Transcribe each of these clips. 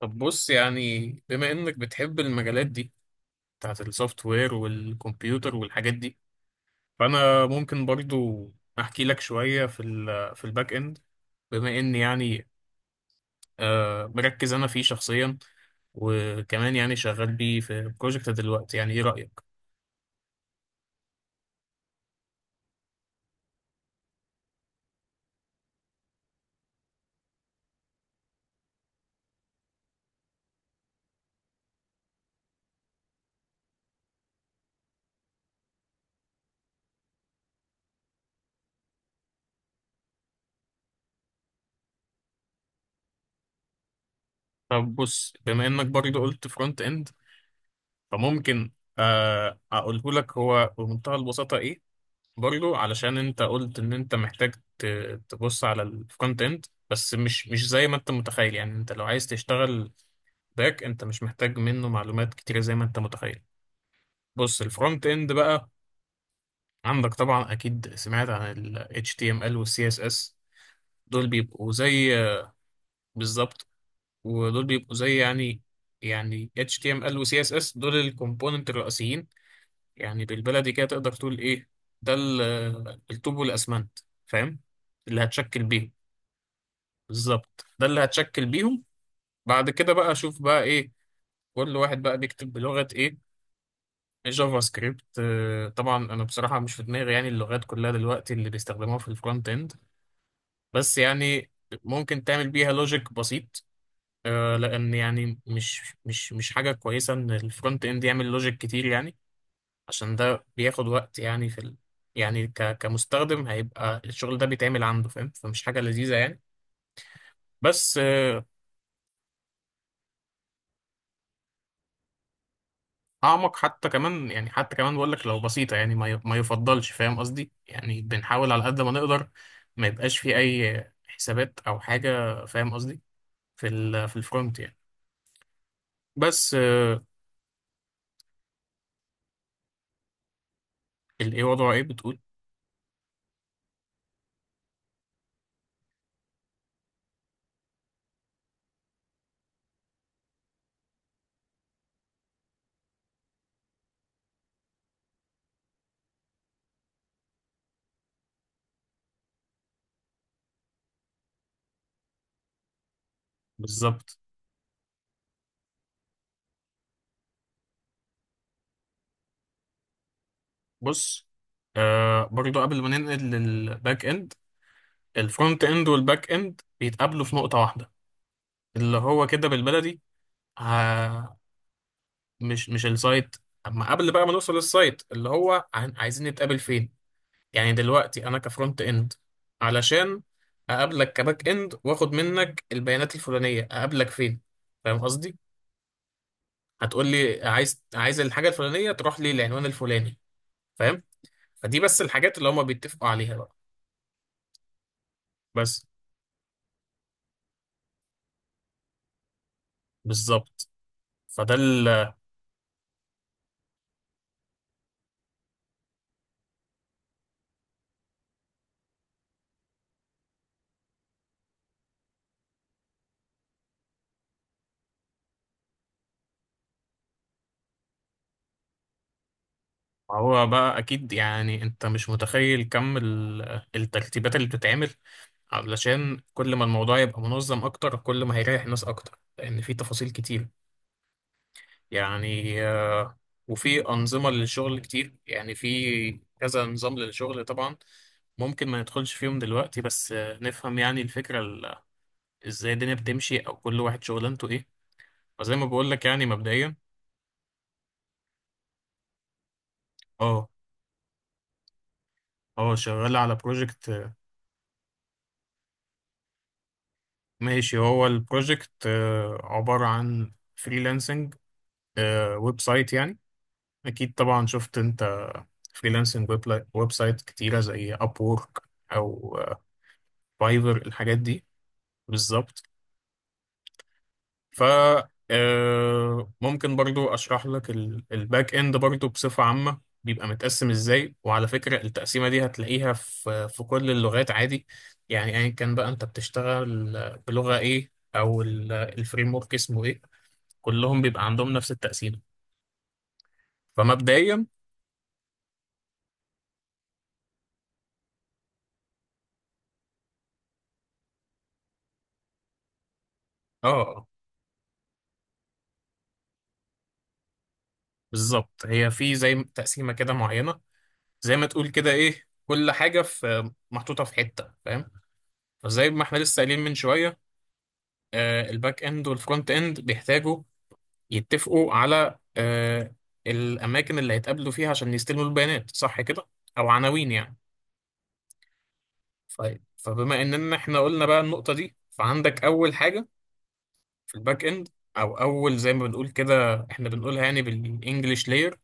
طب بص، يعني بما انك بتحب المجالات دي، بتاعت السوفت وير والكمبيوتر والحاجات دي، فانا ممكن برضو احكي لك شوية في الباك اند، بما اني يعني مركز انا فيه شخصيا، وكمان يعني شغال بيه في بروجكت دلوقتي. يعني ايه رأيك؟ طب بص، بما انك برضو قلت فرونت اند، فممكن اقوله لك هو بمنتهى البساطة ايه، برضو علشان انت قلت ان انت محتاج تبص على الكونتنت، بس مش زي ما انت متخيل. يعني انت لو عايز تشتغل باك، انت مش محتاج منه معلومات كتيرة زي ما انت متخيل. بص، الفرونت اند بقى عندك طبعا، اكيد سمعت عن ال HTML وال CSS، دول بيبقوا زي، بالظبط، ودول بيبقوا زي، يعني HTML و CSS دول الكومبوننت الرئيسيين. يعني بالبلدي كده تقدر تقول ايه، ده الطوب والاسمنت، فاهم، اللي هتشكل بيهم. بالظبط، ده اللي هتشكل بيهم. بعد كده بقى اشوف بقى ايه، كل واحد بقى بيكتب بلغة ايه. جافا سكريبت، طبعا انا بصراحة مش في دماغي يعني اللغات كلها دلوقتي اللي بيستخدموها في الفرونت اند، بس يعني ممكن تعمل بيها لوجيك بسيط، لان يعني مش حاجة كويسة ان الفرونت اند يعمل لوجيك كتير. يعني عشان ده بياخد وقت يعني يعني كمستخدم هيبقى الشغل ده بيتعمل عنده، فاهم، فمش حاجة لذيذة يعني. بس اعمق حتى كمان، يعني حتى كمان بقول لك لو بسيطه، يعني ما ما يفضلش، فاهم قصدي. يعني بنحاول على قد ما نقدر ما يبقاش في اي حسابات او حاجه، فاهم قصدي، في الفرونت يعني. بس الايه وضعه ايه بتقول؟ بالظبط. بص، برضو قبل ما ننقل للباك اند، الفرونت اند والباك اند بيتقابلوا في نقطه واحده، اللي هو كده بالبلدي، آه مش السايت. اما قبل بقى ما نوصل للسايت، اللي هو عايزين نتقابل فين. يعني دلوقتي انا كفرونت اند، علشان اقابلك كباك اند واخد منك البيانات الفلانيه، اقابلك فين، فاهم قصدي؟ هتقول لي عايز الحاجه الفلانيه تروح لي العنوان الفلاني، فاهم. فدي بس الحاجات اللي هما بيتفقوا عليها بقى، بس. بالظبط، فده ال- هو بقى اكيد يعني انت مش متخيل كم الترتيبات اللي بتتعمل علشان كل ما الموضوع يبقى منظم اكتر، كل ما هيريح الناس اكتر، لان في تفاصيل كتير يعني، وفي أنظمة للشغل كتير. يعني في كذا نظام للشغل طبعا، ممكن ما ندخلش فيهم دلوقتي، بس نفهم يعني الفكرة، ازاي الدنيا بتمشي، أو كل واحد شغلانته ايه، وزي ما بقول لك يعني مبدئيا. اه. اه، شغال على بروجكت. ماشي، هو البروجكت عبارة عن فريلانسنج ويب سايت يعني، أكيد طبعا شفت أنت فريلانسنج ويب سايت كتيرة زي أب وورك أو فايفر، الحاجات دي. بالظبط. ف آه، ممكن برضو اشرح لك الباك اند برضو بصفة عامة بيبقى متقسم ازاي. وعلى فكرة التقسيمة دي هتلاقيها في كل اللغات عادي، يعني ايا كان بقى انت بتشتغل بلغة ايه، او الفريم ورك اسمه ايه، كلهم بيبقى عندهم نفس التقسيمة. فمبدئيا، اه. بالظبط، هي في زي تقسيمة كده معينة، زي ما تقول كده ايه، كل حاجة في محطوطة في حتة، فاهم. فزي ما احنا لسه قايلين من شوية، الباك اند والفرونت اند بيحتاجوا يتفقوا على الاماكن اللي هيتقابلوا فيها عشان يستلموا البيانات، صح كده، او عناوين يعني. ف- فبما اننا احنا قلنا بقى النقطة دي، فعندك اول حاجة في الباك اند، او اول زي ما بنقول كده، احنا بنقولها يعني بالانجلش لاير،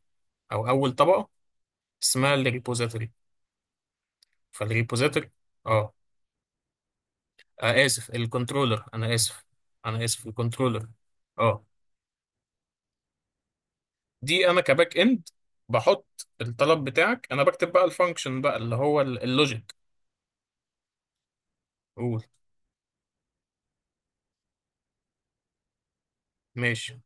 او اول طبقة، اسمها الريبوزيتوري. فالريبوزيتوري، اه اسف، الكنترولر، انا اسف. انا اسف، الكنترولر. اه، دي انا كباك اند بحط الطلب بتاعك، انا بكتب بقى الفانكشن بقى اللي هو اللوجيك. قول. ماشي.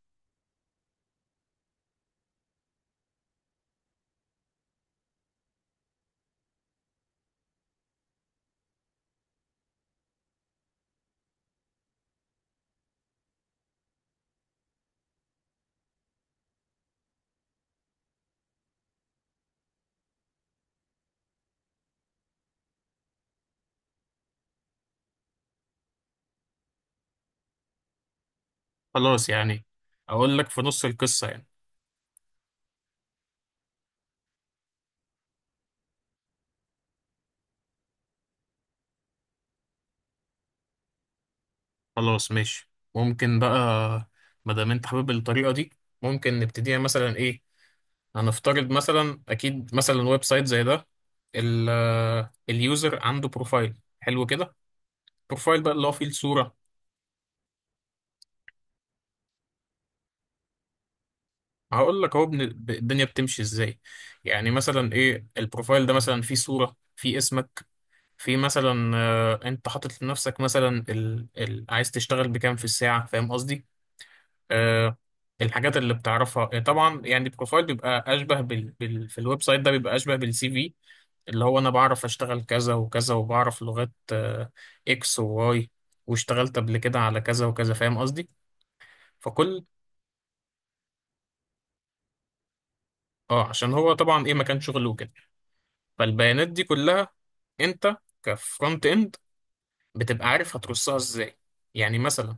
خلاص يعني، اقول لك في نص القصة يعني. خلاص ماشي. ممكن بقى، ما دام انت حابب الطريقة دي، ممكن نبتديها مثلا ايه. هنفترض مثلا، اكيد مثلا ويب سايت زي ده، ال- اليوزر عنده بروفايل حلو كده. بروفايل بقى اللي هو فيه الصورة. هقول لك اهو الدنيا بتمشي ازاي. يعني مثلا ايه، البروفايل ده مثلا فيه صورة، فيه اسمك، في مثلا انت حاطط لنفسك مثلا عايز تشتغل بكام في الساعة، فاهم قصدي. آه الحاجات اللي بتعرفها. طبعا يعني البروفايل بيبقى اشبه في الويب سايت ده بيبقى اشبه بالسي في، اللي هو انا بعرف اشتغل كذا وكذا، وبعرف لغات اكس وواي، واشتغلت قبل كده على كذا وكذا، فاهم قصدي. فكل اه عشان هو طبعا ايه، مكان شغله وكده. فالبيانات دي كلها انت كفرونت اند بتبقى عارف هترصها ازاي. يعني مثلا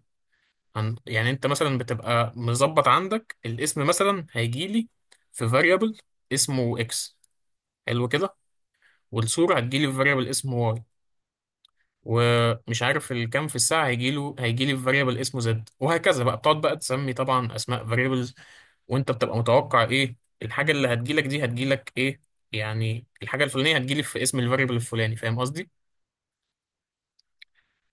يعني انت مثلا بتبقى مظبط عندك، الاسم مثلا هيجيلي في variable اسمه x، حلو كده، والصورة هتجيلي في variable اسمه y، ومش عارف الكام في الساعة هيجيلي في variable اسمه z، وهكذا بقى. بتقعد بقى تسمي طبعا اسماء variables، وانت بتبقى متوقع ايه الحاجة اللي هتجيلك دي، هتجيلك ايه. يعني الحاجة الفلانية هتجيلي في اسم الفاريبل الفلاني، فاهم قصدي؟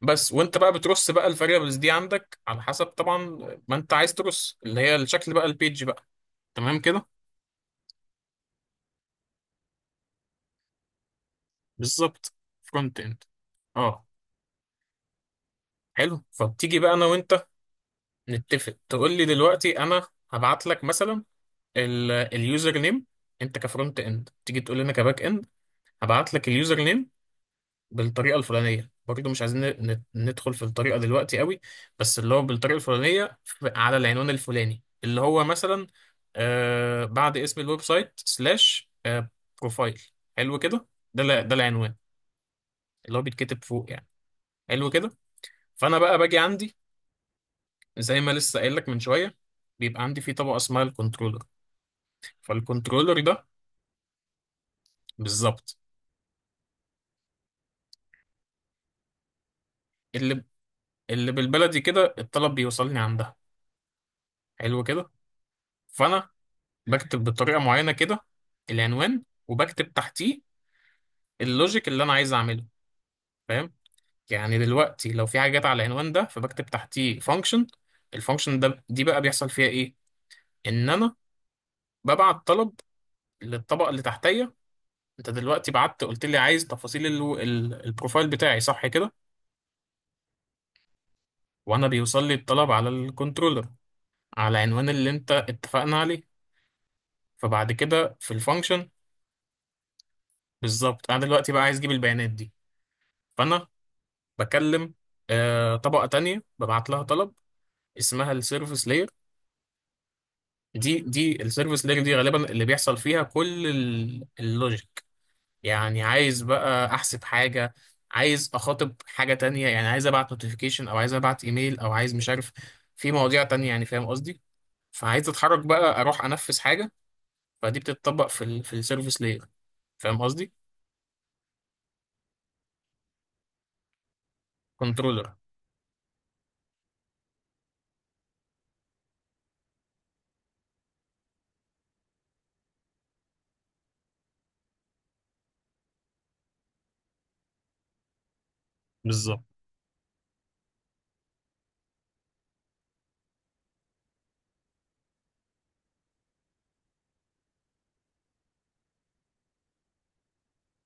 بس. وانت بقى بترص بقى الفاريبلز دي عندك على حسب طبعا ما انت عايز ترص، اللي هي الشكل بقى، البيج بقى، تمام كده؟ بالظبط. فرونت اند، اه. حلو. فبتيجي بقى انا وانت نتفق، تقول لي دلوقتي انا هبعت لك مثلا اليوزر نيم، انت كفرونت اند تيجي تقول لي انا كباك اند هبعت لك اليوزر نيم بالطريقه الفلانيه، برضه مش عايزين ندخل في الطريقه دلوقتي قوي، بس اللي هو بالطريقه الفلانيه على العنوان الفلاني، اللي هو مثلا بعد اسم الويب سايت، سلاش بروفايل، حلو كده. ده العنوان اللي هو بيتكتب فوق يعني. حلو كده. فانا بقى باجي عندي، زي ما لسه قايل لك من شويه، بيبقى عندي فيه طبقه اسمها الكنترولر. فالكنترولر ده، بالظبط، اللي اللي بالبلدي كده الطلب بيوصلني عندها. حلو كده. فانا بكتب بطريقه معينه كده العنوان، وبكتب تحتيه اللوجيك اللي انا عايز اعمله، فاهم. يعني دلوقتي لو في حاجات على العنوان ده، فبكتب تحتيه فانكشن. الفانكشن ده دي بقى بيحصل فيها ايه؟ ان انا ببعت طلب للطبقه اللي تحتيه. انت دلوقتي بعت قلت لي عايز تفاصيل البروفايل بتاعي، صح كده، وانا بيوصل لي الطلب على الكنترولر، على عنوان اللي انت اتفقنا عليه. فبعد كده في الفانكشن، بالظبط، انا دلوقتي بقى عايز اجيب البيانات دي. فانا بكلم طبقة تانية، ببعت لها طلب، اسمها السيرفيس لاير. دي السيرفيس لاير دي غالبا اللي بيحصل فيها كل اللوجيك. يعني عايز بقى احسب حاجة، عايز اخاطب حاجة تانية، يعني عايز ابعت نوتيفيكيشن، او عايز ابعت ايميل، او عايز مش عارف، في مواضيع تانية يعني، فاهم قصدي. فعايز اتحرك بقى اروح انفذ حاجة، فدي بتتطبق في السيرفيس لاير، فاهم قصدي. كنترولر، بالظبط.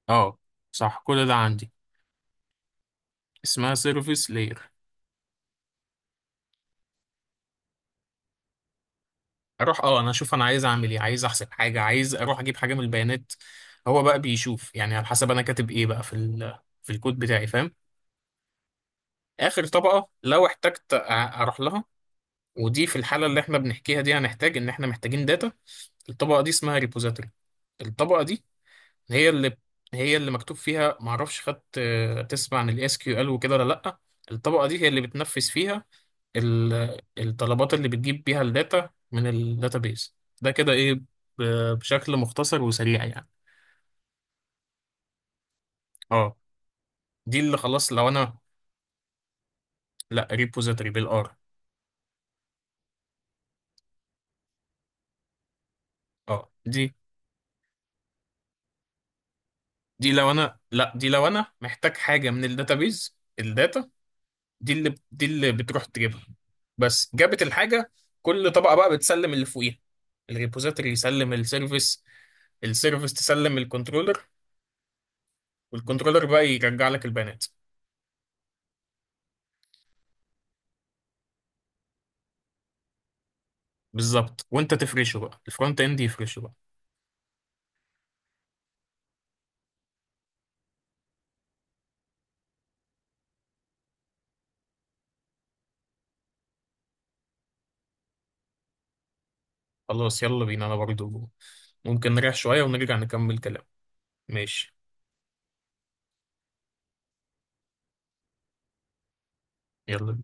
اه، صح، كل ده عندي. اسمها سيرفيس لاير. اروح انا اشوف انا عايز اعمل ايه، عايز احسب حاجه، عايز اروح اجيب حاجه من البيانات. هو بقى بيشوف يعني على حسب انا كاتب ايه بقى في الكود بتاعي، فاهم. اخر طبقه لو احتجت اروح لها، ودي في الحاله اللي احنا بنحكيها دي هنحتاج ان احنا محتاجين داتا. الطبقه دي اسمها ريبوزيتوري. الطبقه دي هي اللي هي اللي مكتوب فيها، معرفش خدت، تسمع عن الاس كيو ال وكده، ولا لا؟ الطبقه دي هي اللي بتنفذ فيها الطلبات اللي بتجيب بيها الداتا من الداتابيز. ده كده ايه، بشكل مختصر وسريع يعني. اه، دي اللي خلاص لو انا. لا، ريبوزيتوري بالار. اه، دي لو انا، لا، دي لو انا محتاج حاجه من الداتابيز، الداتا دي اللي بتروح تجيبها. بس، جابت الحاجة. كل طبقة بقى بتسلم اللي فوقيها، الريبوزيتوري يسلم السيرفيس تسلم الكنترولر، والكنترولر بقى يرجع لك البيانات. بالظبط، وانت تفرشه بقى، الفرونت اند يفرشه بقى. خلاص، يلا بينا. انا برضو ممكن نريح شوية ونرجع نكمل كلام. ماشي. يلا.